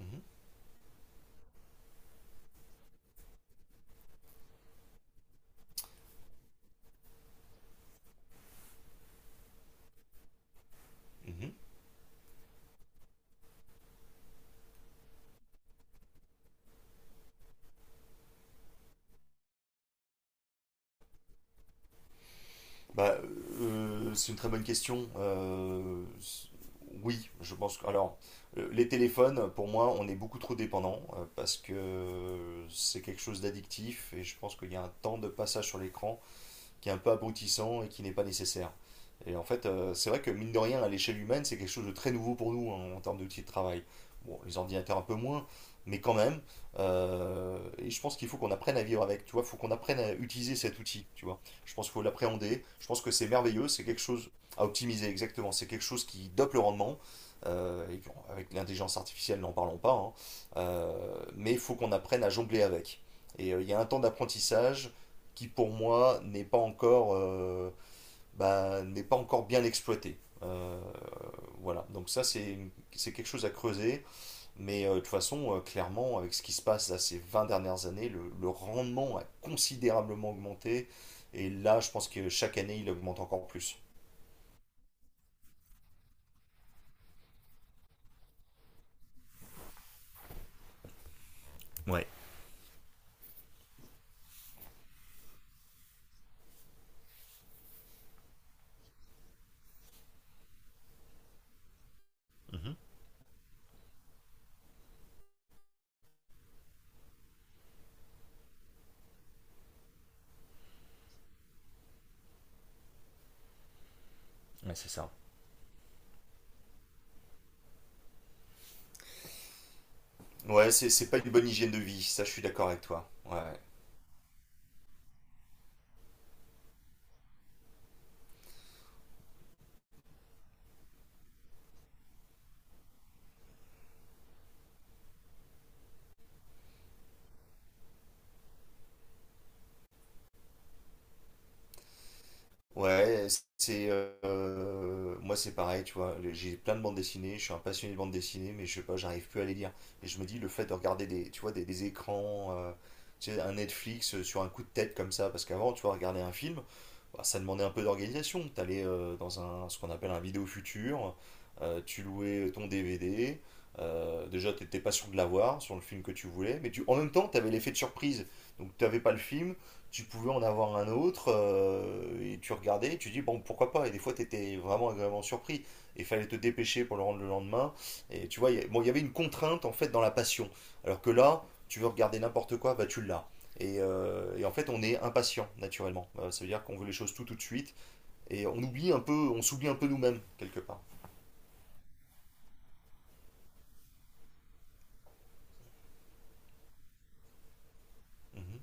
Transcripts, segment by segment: Mhm, mhm. Bah, c'est une très bonne question. Oui, je pense que... Les téléphones, pour moi, on est beaucoup trop dépendants parce que c'est quelque chose d'addictif et je pense qu'il y a un temps de passage sur l'écran qui est un peu abrutissant et qui n'est pas nécessaire. C'est vrai que mine de rien, à l'échelle humaine, c'est quelque chose de très nouveau pour nous hein, en termes d'outils de travail. Bon, les ordinateurs un peu moins, mais quand même. Et je pense qu'il faut qu'on apprenne à vivre avec, tu vois. Il faut qu'on apprenne à utiliser cet outil, tu vois. Je pense qu'il faut l'appréhender. Je pense que c'est merveilleux, c'est quelque chose à optimiser, exactement. C'est quelque chose qui dope le rendement. Et puis, avec l'intelligence artificielle, n'en parlons pas, hein. Mais il faut qu'on apprenne à jongler avec. Il y a un temps d'apprentissage qui pour moi n'est pas encore n'est pas encore bien exploité. Euh, voilà, donc ça c'est quelque chose à creuser, mais de toute façon, clairement, avec ce qui se passe là, ces 20 dernières années, le rendement a considérablement augmenté, et là je pense que chaque année il augmente encore plus. Ouais. Mhm. Ouais, c'est ça. Ouais, c'est pas une bonne hygiène de vie, ça je suis d'accord avec toi. Ouais. Ouais, c'est moi c'est pareil, tu vois. J'ai plein de bandes dessinées, je suis un passionné de bandes dessinées, mais je sais pas, j'arrive plus à les lire. Et je me dis le fait de regarder des écrans, tu sais, un Netflix sur un coup de tête comme ça, parce qu'avant, tu vois, regarder un film, bah, ça demandait un peu d'organisation. T'allais dans un ce qu'on appelle un vidéo futur, tu louais ton DVD. Déjà, t'étais pas sûr de l'avoir sur le film que tu voulais, mais en même temps, t'avais l'effet de surprise. Donc, t'avais pas le film, tu pouvais en avoir un autre, et tu regardais, et tu dis, bon, pourquoi pas, et des fois, tu étais vraiment agréablement surpris, et il fallait te dépêcher pour le rendre le lendemain, et tu vois, bon, il y avait une contrainte, en fait, dans la passion, alors que là, tu veux regarder n'importe quoi, bah, tu l'as. On est impatient, naturellement. Ça veut dire qu'on veut les choses tout tout de suite, et on oublie un peu, on s'oublie un peu nous-mêmes, quelque part. Mhm.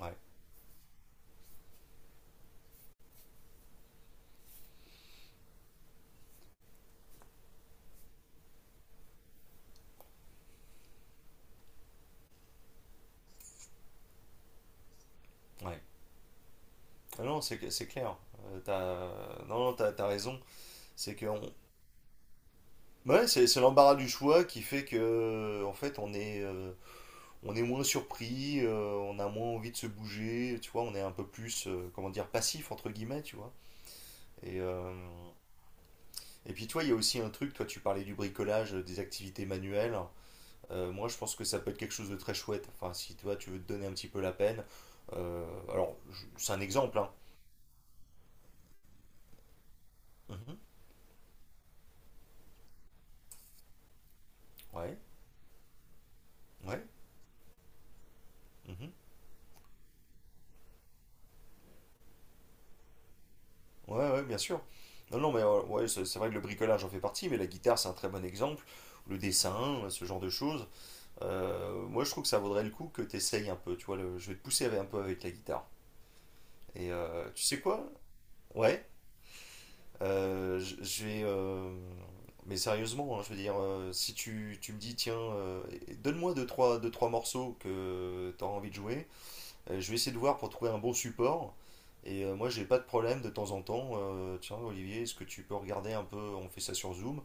Ouais, ouais. Ah non, c'est clair. Non, non, t'as raison. C'est qu'on Ouais, c'est l'embarras du choix qui fait que, on est moins surpris, on a moins envie de se bouger, tu vois, on est un peu plus, comment dire, passif, entre guillemets, tu vois. Et, euh, et puis, toi, il y a aussi un truc, toi, tu parlais du bricolage, des activités manuelles. Moi, je pense que ça peut être quelque chose de très chouette. Enfin, si toi, tu veux te donner un petit peu la peine. euh, c'est un exemple, hein. Mhm. Ouais, ouais. Mhm. Ouais, ouais, bien sûr. Non, non, mais ouais, c'est vrai que le bricolage en fait partie, mais la guitare, c'est un très bon exemple. Le dessin, ce genre de choses. Moi, je trouve que ça vaudrait le coup que tu essayes un peu, tu vois. Je vais te pousser un peu avec la guitare. Tu sais quoi? Ouais, je vais. Mais sérieusement, hein, je veux dire, si tu me dis, tiens, donne-moi deux, trois morceaux que tu as envie de jouer, je vais essayer de voir pour trouver un bon support. Moi, j'ai pas de problème de temps en temps. Tiens, Olivier, est-ce que tu peux regarder un peu On fait ça sur Zoom.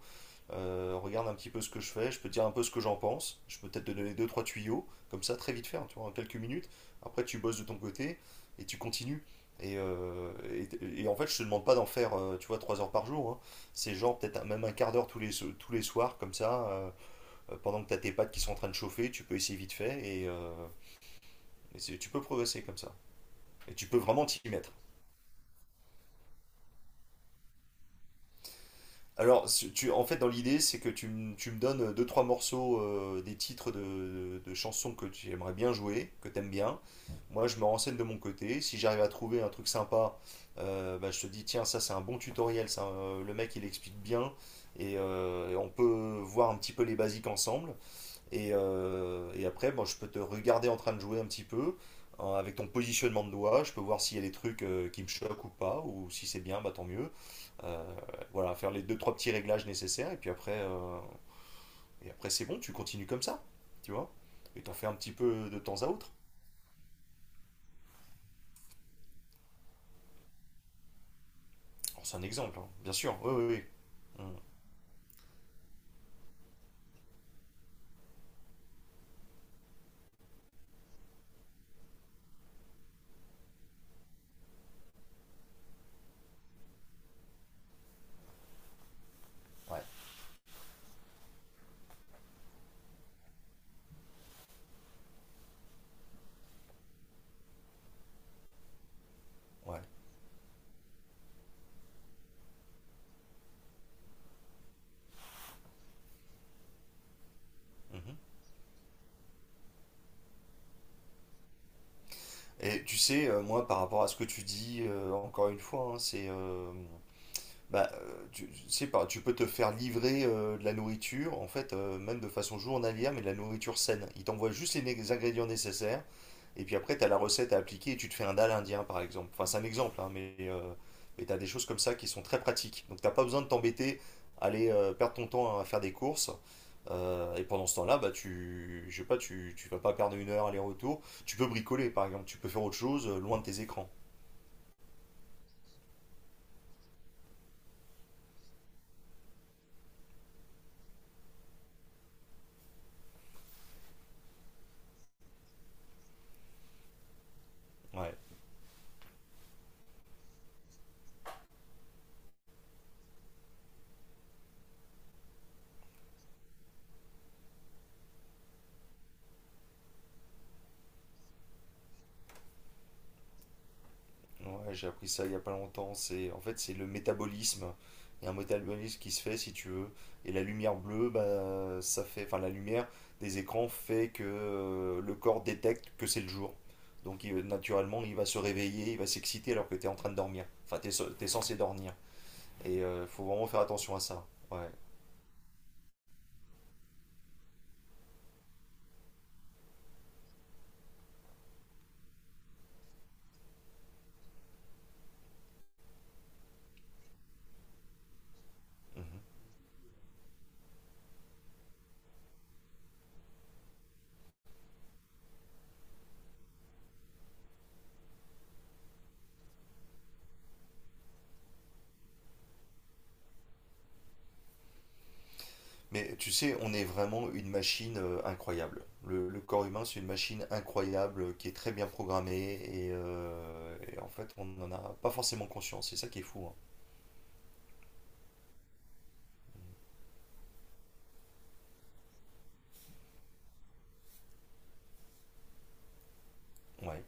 Regarde un petit peu ce que je fais. Je peux te dire un peu ce que j'en pense. Je peux peut-être te donner deux, trois tuyaux. Comme ça, très vite faire, tu vois, en quelques minutes. Après, tu bosses de ton côté et tu continues. Je te demande pas d'en faire, tu vois, trois heures par jour, hein. C'est genre peut-être même un quart d'heure tous les soirs, comme ça, pendant que tu as tes pattes qui sont en train de chauffer, tu peux essayer vite fait et tu peux progresser comme ça. Et tu peux vraiment t'y mettre. Dans l'idée, c'est que tu me donnes deux, trois morceaux, des titres de chansons que tu aimerais bien jouer, que t'aimes bien. Moi, je me renseigne de mon côté. Si j'arrive à trouver un truc sympa, je te dis, tiens, ça, c'est un bon tutoriel. Ça, le mec, il explique bien. Et on peut voir un petit peu les basiques ensemble. Et après, bon, je peux te regarder en train de jouer un petit peu hein, avec ton positionnement de doigt. Je peux voir s'il y a des trucs qui me choquent ou pas, ou si c'est bien, bah tant mieux. Euh, voilà, faire les deux trois petits réglages nécessaires et puis après, après c'est bon, tu continues comme ça, tu vois. Et t'en fais un petit peu de temps à autre. Alors, c'est un exemple, hein, bien sûr. Oui, oui, oui. Mm, ouais, ouais. Mhm. Et tu sais, moi, par rapport à ce que tu dis, encore une fois, hein, c'est tu sais pas, tu peux te faire livrer de la nourriture, même de façon journalière, mais de la nourriture saine. Ils t'envoient juste les ingrédients nécessaires, et puis après, tu as la recette à appliquer, et tu te fais un dal indien, par exemple. Enfin, c'est un exemple, hein, mais tu as des choses comme ça qui sont très pratiques. Donc, t'as pas besoin de t'embêter, aller perdre ton temps à faire des courses. Et pendant ce temps-là, bah, je sais pas, tu vas pas perdre une heure aller-retour. Tu peux bricoler, par exemple, tu peux faire autre chose loin de tes écrans. Ouais. Ouais, j'ai appris ça il y a pas longtemps. C'est, en fait, c'est le métabolisme. Il y a un métabolisme qui se fait, si tu veux. Et la lumière bleue, bah, ça fait, enfin, la lumière des écrans fait que le corps détecte que c'est le jour. Donc, naturellement, il va se réveiller, il va s'exciter alors que tu es en train de dormir. Enfin, tu es censé dormir. Et il faut vraiment faire attention à ça. Ouais. Mhm. Mais tu sais, on est vraiment une machine incroyable. Le corps humain, c'est une machine incroyable qui est très bien programmée et on n'en a pas forcément conscience. C'est ça qui est fou, hein. Ouais.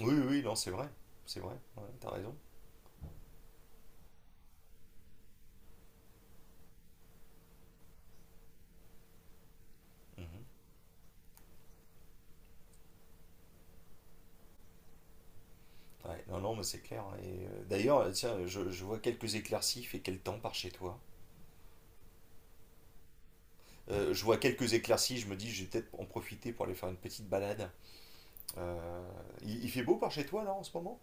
Oui, oui, oui, non, c'est vrai. C'est vrai. Ouais, t'as raison. Mhm. Ouais, non, non, mais c'est clair, hein. D'ailleurs, tiens, je vois quelques éclaircies. Il fait quel temps par chez toi? Je vois quelques éclaircies. Je me dis, je vais peut-être en profiter pour aller faire une petite balade. Euh, il fait beau par chez toi là en ce moment?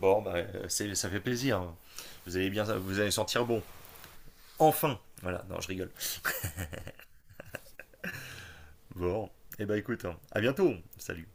Ça fait plaisir, hein. Vous allez bien, vous allez sentir bon. Enfin. Voilà, non, je rigole. Bon, eh bah écoute, hein, à bientôt. Salut.